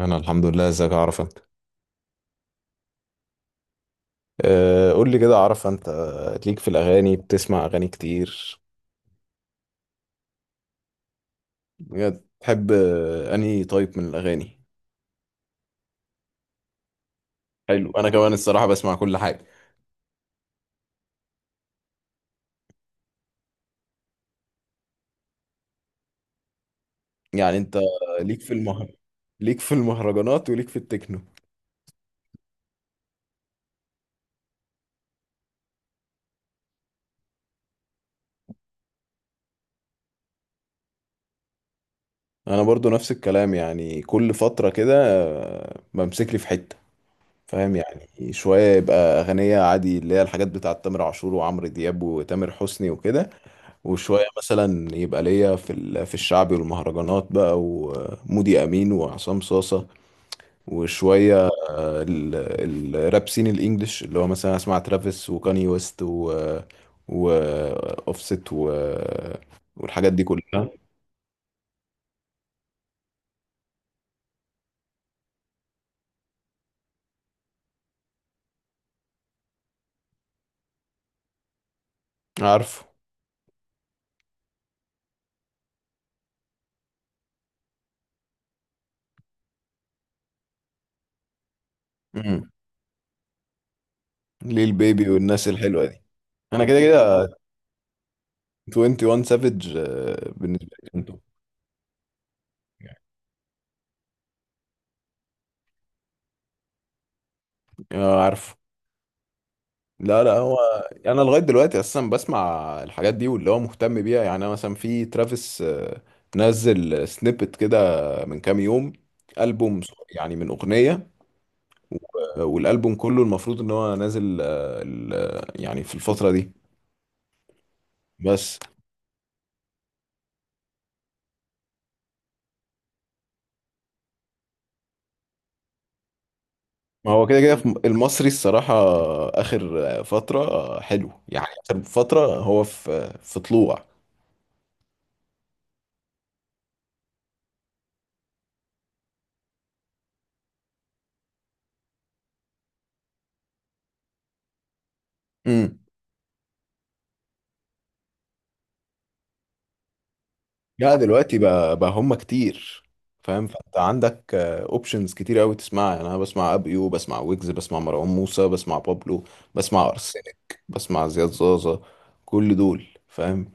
انا الحمد لله. ازيك يا عرفة انت؟ أه قول لي كده يا عرفة، انت ليك في الاغاني؟ بتسمع اغاني كتير بجد؟ تحب انهي طيب من الاغاني؟ حلو، انا كمان الصراحة بسمع كل حاجة. يعني انت ليك في المهر ليك في المهرجانات وليك في التكنو. انا برضو نفس الكلام، يعني كل فترة كده بمسك لي في حتة، فاهم؟ يعني شوية يبقى أغنية عادي اللي هي الحاجات بتاعة تامر عاشور وعمرو دياب وتامر حسني وكده، وشوية مثلا يبقى ليا في في الشعبي والمهرجانات بقى ومودي أمين وعصام صاصة، وشوية الراب سين الإنجليش اللي هو مثلا أسمع ترافيس وكاني ويست و وأوفست والحاجات دي كلها. عارفه. مم. ليل بيبي والناس الحلوة دي. أنا كده كده 21 سافيج بالنسبة لي. اه عارف. لا، لا، هو انا لغايه دلوقتي اساسا بسمع الحاجات دي واللي هو مهتم بيها، يعني انا مثلا في ترافيس نزل سنيبت كده من كام يوم. البوم ص- يعني من اغنيه، والالبوم كله المفروض ان هو نازل يعني في الفتره دي. بس ما هو كده كده في المصري الصراحه اخر فتره حلو، يعني اخر فتره هو في طلوع. لا دلوقتي بقى هم كتير، فاهم؟ فانت عندك اوبشنز كتير قوي تسمعها، يعني انا بسمع ابيو، بسمع ويجز، بسمع مروان موسى، بسمع بابلو، بسمع ارسنك، بسمع زياد زازا. كل دول فاهم.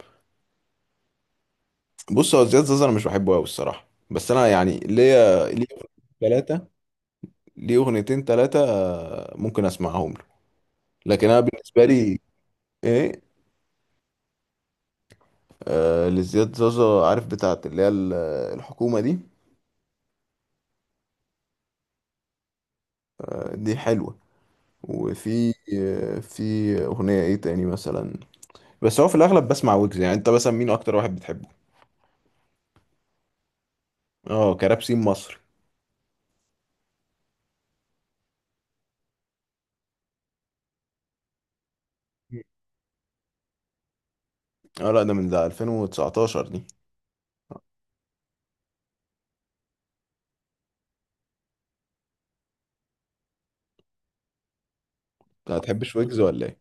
بص هو زياد زازا انا مش بحبه قوي الصراحه، بس انا يعني ليا ليه ثلاثه، ليه اغنيتين ثلاثه ممكن اسمعهم له، لكن انا بالنسبه لي ايه. آه لزياد زازا، عارف بتاعت اللي هي الحكومه دي. آه دي حلوه. وفي في اغنيه ايه تاني مثلا؟ بس هو في الاغلب بسمع ويجز. يعني انت مثلا مين اكتر واحد بتحبه؟ اه كراب سين مصري. اه لا، ده من ده 2019 دي انت. هتحبش ويجز ولا ايه؟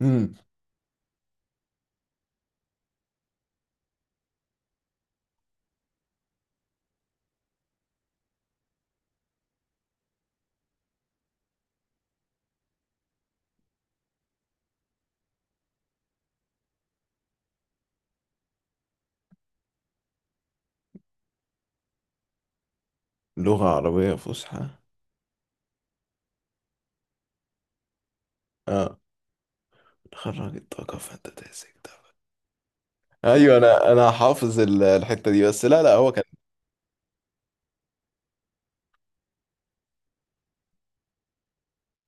امم لغه عربيه فصحى. اه خرجت طاقه فانت تمسك ده. ايوه، انا حافظ الحته دي. بس لا، لا، هو كان.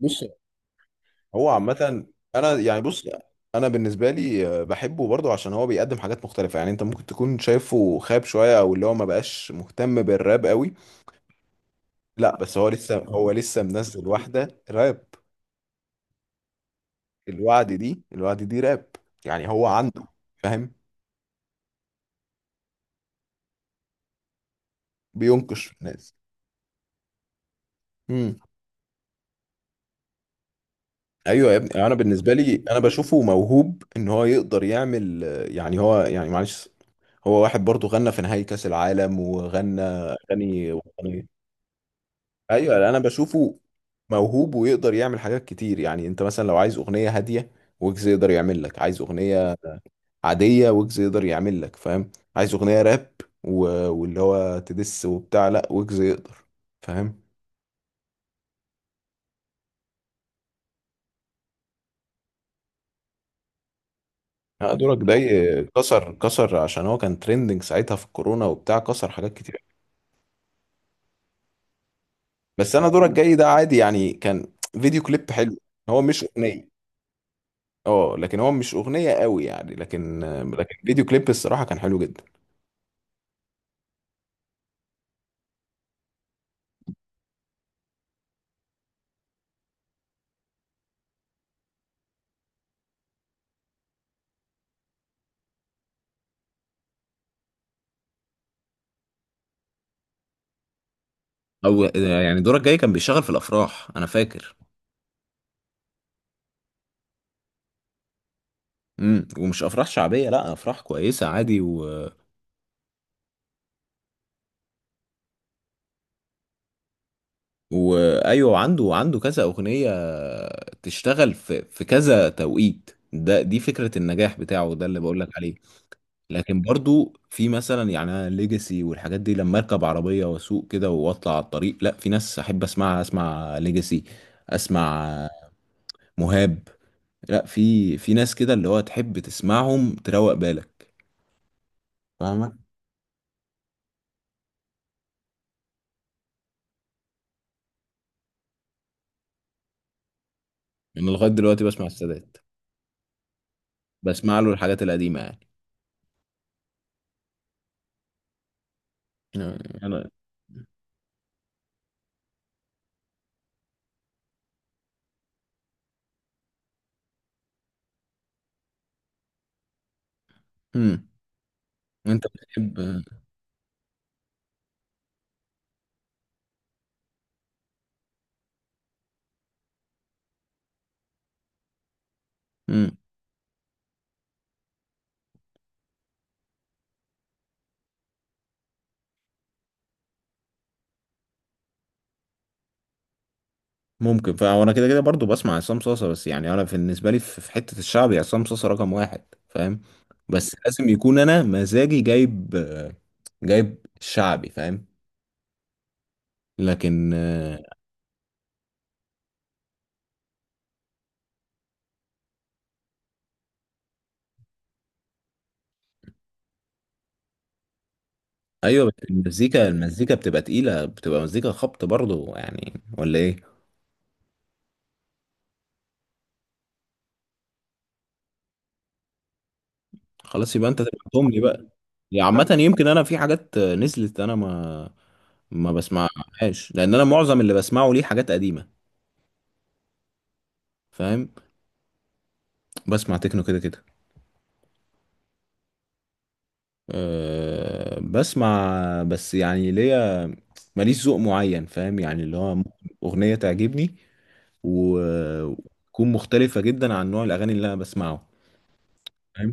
بص هو عامة، أنا يعني بص أنا بالنسبة لي بحبه برضه عشان هو بيقدم حاجات مختلفة. يعني أنت ممكن تكون شايفه خاب شوية أو اللي هو ما بقاش مهتم بالراب قوي. لا بس هو لسه منزل واحدة راب. الوعد دي راب، يعني هو عنده، فاهم، بينقش في الناس. امم ايوه يا ابني. يعني انا بالنسبه لي انا بشوفه موهوب ان هو يقدر يعمل يعني هو يعني معلش، هو واحد برضه غنى في نهائي كاس العالم وغنى اغاني وطنية. ايوه انا بشوفه موهوب ويقدر يعمل حاجات كتير. يعني انت مثلا لو عايز اغنيه هاديه ويجز يقدر يعمل لك، عايز اغنيه عاديه ويجز يقدر يعمل لك، فاهم؟ عايز اغنيه راب واللي هو تدس وبتاع، لا ويجز يقدر، فاهم. لا، دورك ده كسر كسر عشان هو كان ترندنج ساعتها في الكورونا وبتاع، كسر حاجات كتير. بس انا دورك جاي ده عادي يعني، كان فيديو كليب حلو. هو مش اغنيه، اه لكن هو مش اغنيه قوي يعني، لكن لكن فيديو كليب الصراحه كان حلو جدا. او، يعني دورك جاي كان بيشتغل في الافراح انا فاكر. ومش افراح شعبيه، لا افراح كويسه عادي وايوه، عنده كذا اغنيه تشتغل في كذا توقيت، ده دي فكره النجاح بتاعه، ده اللي بقول لك عليه. لكن برضو في مثلا، يعني ليجاسي والحاجات دي لما اركب عربيه واسوق كده واطلع على الطريق، لا في ناس احب اسمعها، اسمع ليجاسي، اسمع مهاب، لا في ناس كده اللي هو تحب تسمعهم تروق بالك. فاهمك. انا لغايه دلوقتي بسمع السادات. بسمع له الحاجات القديمه يعني. انا. امم انت بتحب. امم ممكن، فانا كده كده برضو بسمع عصام صاصا، بس يعني انا بالنسبه لي في حته الشعبي عصام صاصا رقم واحد، فاهم. بس لازم يكون انا مزاجي جايب، جايب شعبي، فاهم. لكن ايوه بس المزيكا بتبقى تقيله، بتبقى مزيكا خبط برضو يعني، ولا ايه؟ خلاص يبقى انت تبقى لي بقى. يعني عامه يمكن انا في حاجات نزلت انا ما بسمعهاش، لان انا معظم اللي بسمعه ليه حاجات قديمه، فاهم. بسمع تكنو كده كده. أه بسمع، بس يعني ليا ماليش ذوق معين، فاهم؟ يعني اللي هو ممكن اغنيه تعجبني وتكون مختلفه جدا عن نوع الاغاني اللي انا بسمعه. فاهم.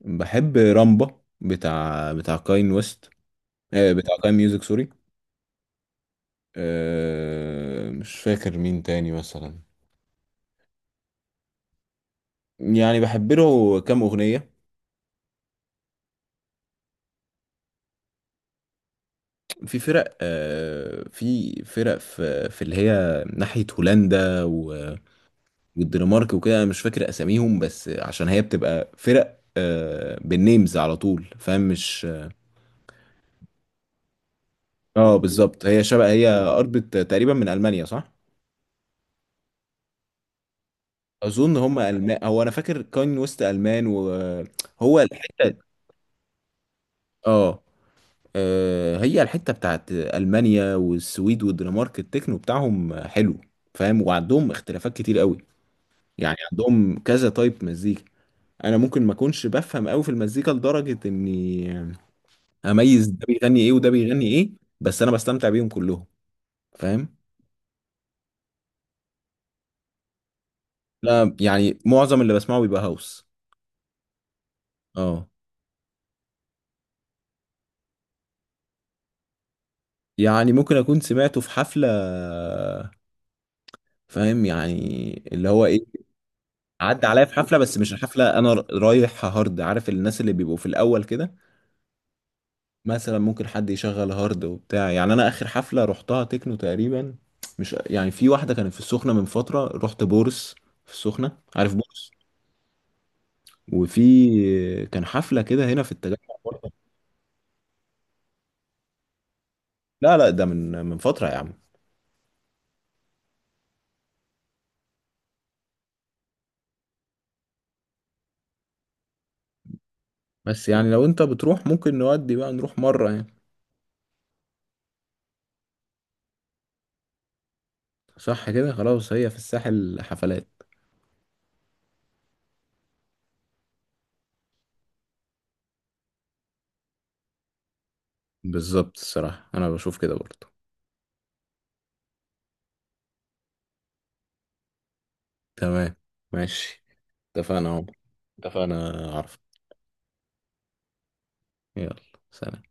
بحب رامبا، بتاع كاين ويست. أه بتاع كاين ميوزك سوري. أه مش فاكر مين تاني مثلا. يعني بحب له كام اغنيه. في فرق في اللي هي ناحية هولندا والدنمارك وكده، انا مش فاكر اساميهم بس عشان هي بتبقى فرق بالنيمز على طول، فاهم؟ مش اه بالظبط، هي شبه، هي قربت تقريبا من المانيا صح؟ اظن هم المان، هو انا فاكر كاين ويست المان، وهو الحتة. اه هي الحتة بتاعت المانيا والسويد والدنمارك، التكنو بتاعهم حلو، فاهم؟ وعندهم اختلافات كتير قوي، يعني عندهم كذا تايب مزيكا. انا ممكن ما اكونش بفهم قوي في المزيكا لدرجه اني اميز ده بيغني ايه وده بيغني ايه، بس انا بستمتع بيهم كلهم، فاهم. لا يعني معظم اللي بسمعه بيبقى هاوس. اه، يعني ممكن اكون سمعته في حفله، فاهم؟ يعني اللي هو ايه. عدى عليا في حفله، بس مش الحفله انا رايح هارد، عارف الناس اللي بيبقوا في الاول كده، مثلا ممكن حد يشغل هارد وبتاع. يعني انا اخر حفله رحتها تكنو تقريبا، مش يعني، في واحده كانت في السخنه من فتره، رحت بورس في السخنه، عارف بورس؟ وفي كان حفله كده هنا في التجمع برضه. لا لا، ده من فتره يا عم. بس يعني لو انت بتروح ممكن نودي بقى، نروح مره يعني. صح كده، خلاص، هي في الساحل حفلات. بالظبط الصراحه انا بشوف كده برضه. تمام، ماشي، اتفقنا اهو. اتفقنا، عارف. يلا سلام.